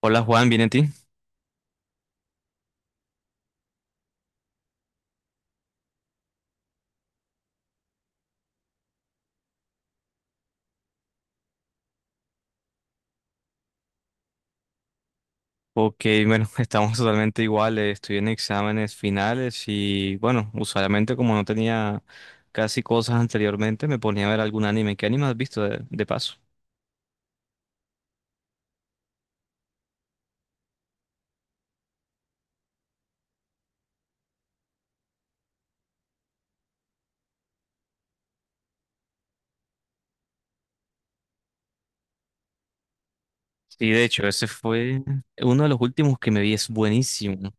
Hola Juan, ¿bien en ti? Ok, bueno, estamos totalmente iguales. Estoy en exámenes finales y bueno, usualmente como no tenía casi cosas anteriormente, me ponía a ver algún anime. ¿Qué anime has visto de paso? Sí, de hecho, ese fue uno de los últimos que me vi, es buenísimo.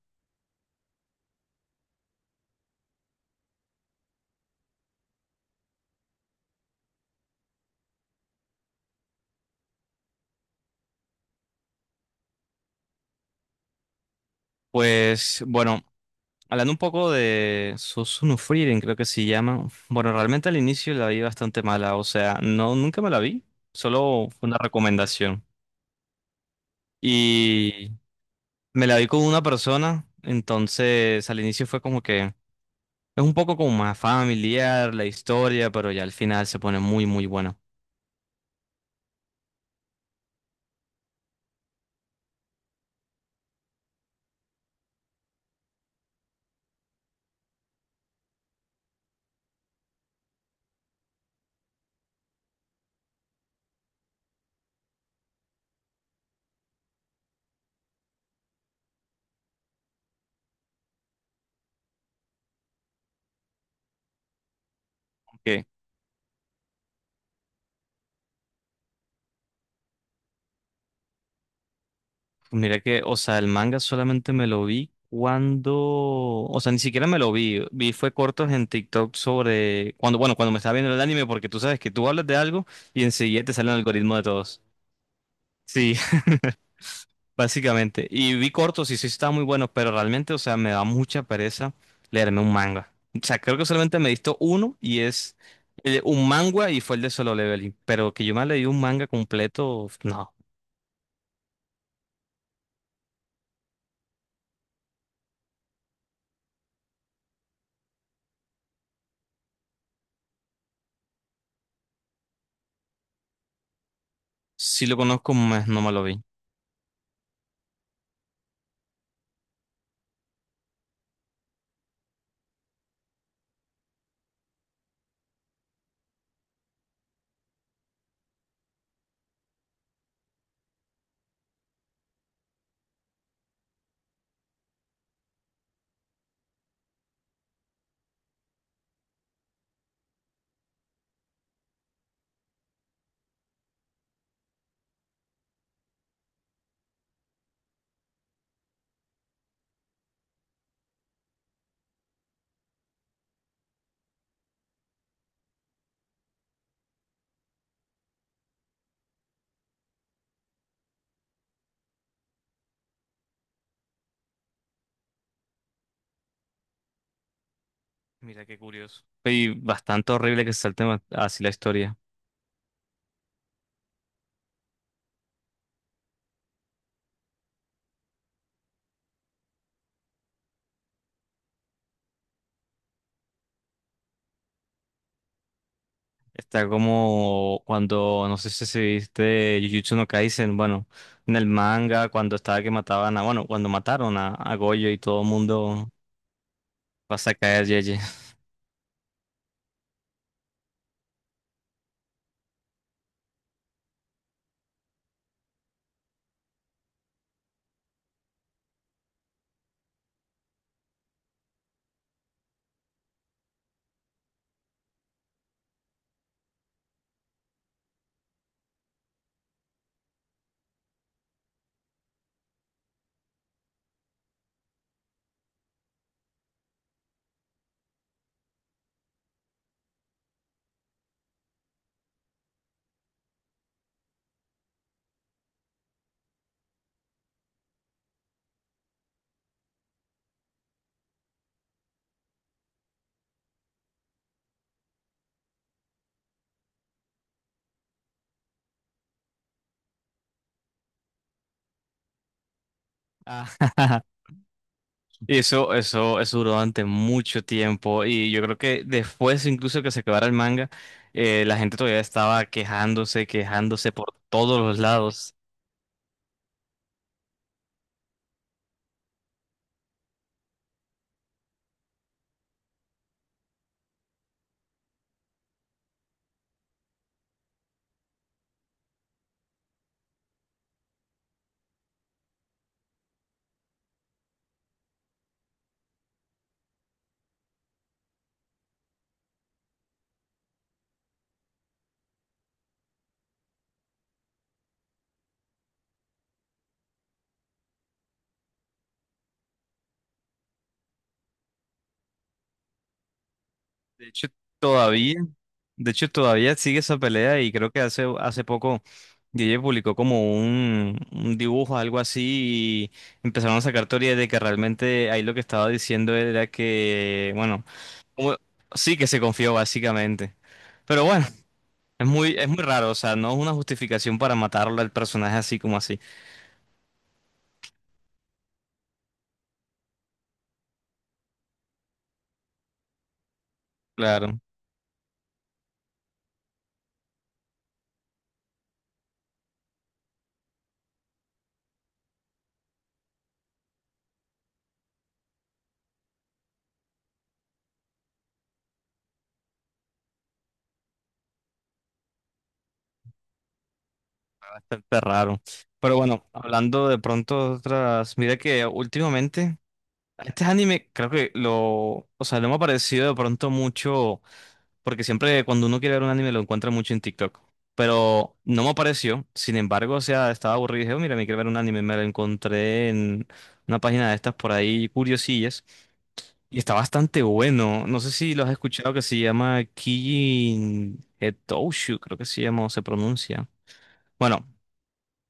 Pues bueno, hablando un poco de Susu no Frieren, creo que se llama. Bueno, realmente al inicio la vi bastante mala, o sea, no, nunca me la vi, solo fue una recomendación. Y Me la vi con una persona, entonces al inicio fue como que es un poco como más familiar la historia, pero ya al final se pone muy, muy buena. Que Mira que, o sea, el manga solamente me lo vi cuando, o sea, ni siquiera me lo vi, fue cortos en TikTok sobre cuando, bueno, cuando me estaba viendo el anime, porque tú sabes que tú hablas de algo y enseguida te sale el algoritmo de todos. Sí. Básicamente. Y vi cortos y sí estaban muy buenos, pero realmente, o sea, me da mucha pereza leerme un manga. O sea, creo que solamente me he visto uno y es un manga y fue el de Solo Leveling. Pero que yo me leí un manga completo, no. Si lo conozco, más no me lo vi. Mira qué curioso. Y bastante horrible que se salte así la historia. Está como cuando, no sé si viste Jujutsu no Kaisen, bueno, en el manga, cuando estaba que mataban a, bueno, cuando mataron a Gojo y todo el mundo pasa a caer, Yeye. Ah, y eso duró durante mucho tiempo y yo creo que después incluso que se acabara el manga, la gente todavía estaba quejándose, quejándose por todos los lados. De hecho, todavía, todavía sigue esa pelea y creo que hace poco DJ publicó como un dibujo, algo así, y empezaron a sacar teorías de que realmente ahí lo que estaba diciendo era que, bueno, como- sí que se confió básicamente. Pero bueno. Es muy raro, o sea, no es una justificación para matarlo al personaje así como así. Claro, bastante raro. Pero bueno, hablando de pronto de otras, mira que últimamente, este anime creo que lo, o sea, no me ha parecido de pronto mucho, porque siempre cuando uno quiere ver un anime lo encuentra mucho en TikTok. Pero no me apareció, sin embargo, o sea, estaba aburrido y dije: "Oh, mira, me quiero ver un anime", me lo encontré en una página de estas por ahí, curiosillas. Y está bastante bueno. No sé si lo has escuchado, que se llama Kijin Hetoushu, creo que se llama o se pronuncia. Bueno,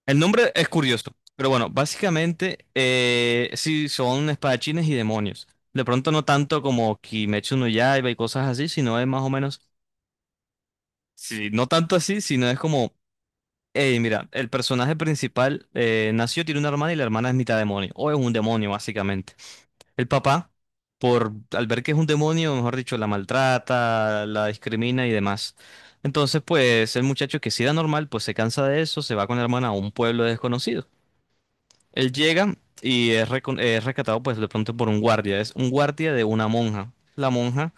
el nombre es curioso, pero bueno, básicamente sí son espadachines y demonios. De pronto no tanto como Kimetsu no Yaiba y cosas así, sino es más o menos, sí, no tanto así, sino es como, hey, mira, el personaje principal nació, tiene una hermana y la hermana es mitad demonio, o es un demonio básicamente. El papá, por al ver que es un demonio, mejor dicho, la maltrata, la discrimina y demás. Entonces, pues el muchacho que sí era normal, pues se cansa de eso, se va con la hermana a un pueblo desconocido. Él llega y es rescatado, pues de pronto por un guardia. Es un guardia de una monja. La monja,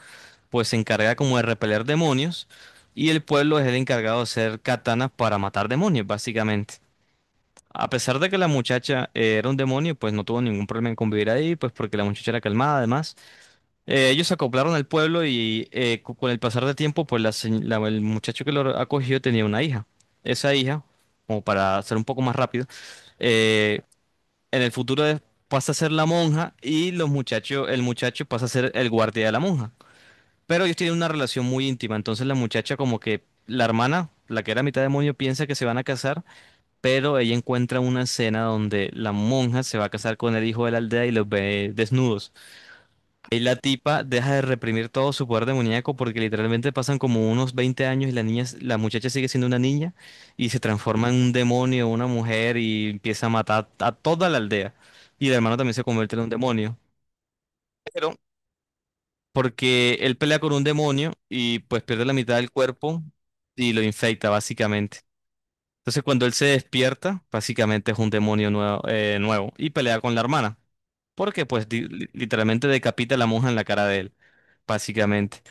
pues se encarga como de repeler demonios, y el pueblo es el encargado de hacer katanas para matar demonios, básicamente. A pesar de que la muchacha era un demonio, pues no tuvo ningún problema en convivir ahí, pues porque la muchacha era calmada, además. Ellos se acoplaron al pueblo y con el pasar del tiempo, pues el muchacho que lo acogió tenía una hija. Esa hija, como para ser un poco más rápido, eh, en el futuro pasa a ser la monja, y los muchachos, el muchacho pasa a ser el guardia de la monja. Pero ellos tienen una relación muy íntima, entonces la muchacha, como que la hermana, la que era mitad demonio, piensa que se van a casar, pero ella encuentra una escena donde la monja se va a casar con el hijo de la aldea y los ve desnudos. Ahí la tipa deja de reprimir todo su poder demoníaco, porque literalmente pasan como unos 20 años y la niña, la muchacha sigue siendo una niña, y se transforma en un demonio, una mujer, y empieza a matar a toda la aldea. Y el hermano también se convierte en un demonio. Pero porque él pelea con un demonio y pues pierde la mitad del cuerpo y lo infecta básicamente. Entonces cuando él se despierta, básicamente es un demonio nuevo y pelea con la hermana, porque pues literalmente decapita a la monja en la cara de él, básicamente.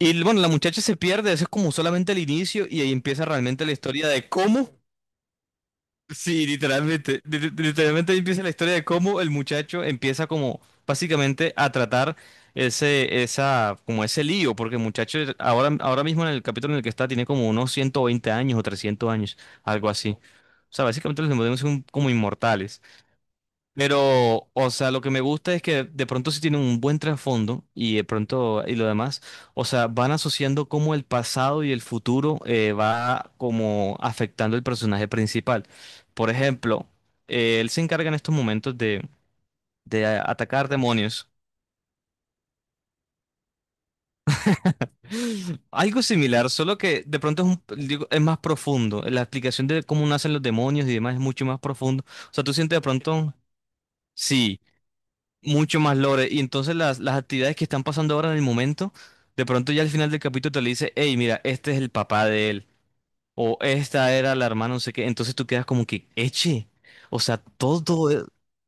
Y bueno, la muchacha se pierde. Eso es como solamente el inicio y ahí empieza realmente la historia de cómo, sí, literalmente, literalmente ahí empieza la historia de cómo el muchacho empieza como básicamente a tratar como ese lío, porque el muchacho ahora mismo en el capítulo en el que está tiene como unos 120 años o 300 años, algo así. O sea, básicamente los demonios son como inmortales. Pero, o sea, lo que me gusta es que de pronto sí tienen un buen trasfondo y de pronto y lo demás, o sea, van asociando cómo el pasado y el futuro va como afectando el personaje principal. Por ejemplo, él se encarga en estos momentos atacar demonios. Algo similar, solo que de pronto digo, es más profundo. La explicación de cómo nacen los demonios y demás es mucho más profundo. O sea, tú sientes de pronto, sí, mucho más lore. Y entonces las actividades que están pasando ahora en el momento, de pronto ya al final del capítulo te le dice: hey, mira, este es el papá de él, o esta era la hermana, no sé qué. Entonces tú quedas como que, eche. O sea, todo.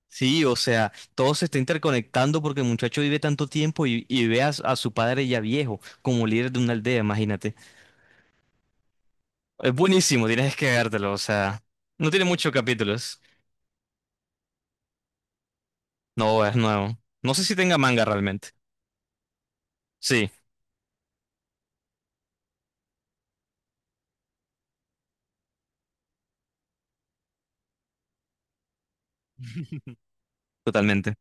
Sí, o sea, todo se está interconectando porque el muchacho vive tanto tiempo y ve a su padre ya viejo como líder de una aldea, imagínate. Es buenísimo, tienes que vértelo, o sea, no tiene muchos capítulos. No, es nuevo. No sé si tenga manga realmente. Sí, totalmente.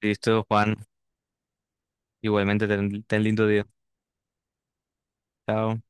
Listo, Juan. Igualmente, ten, ten lindo día. Chao.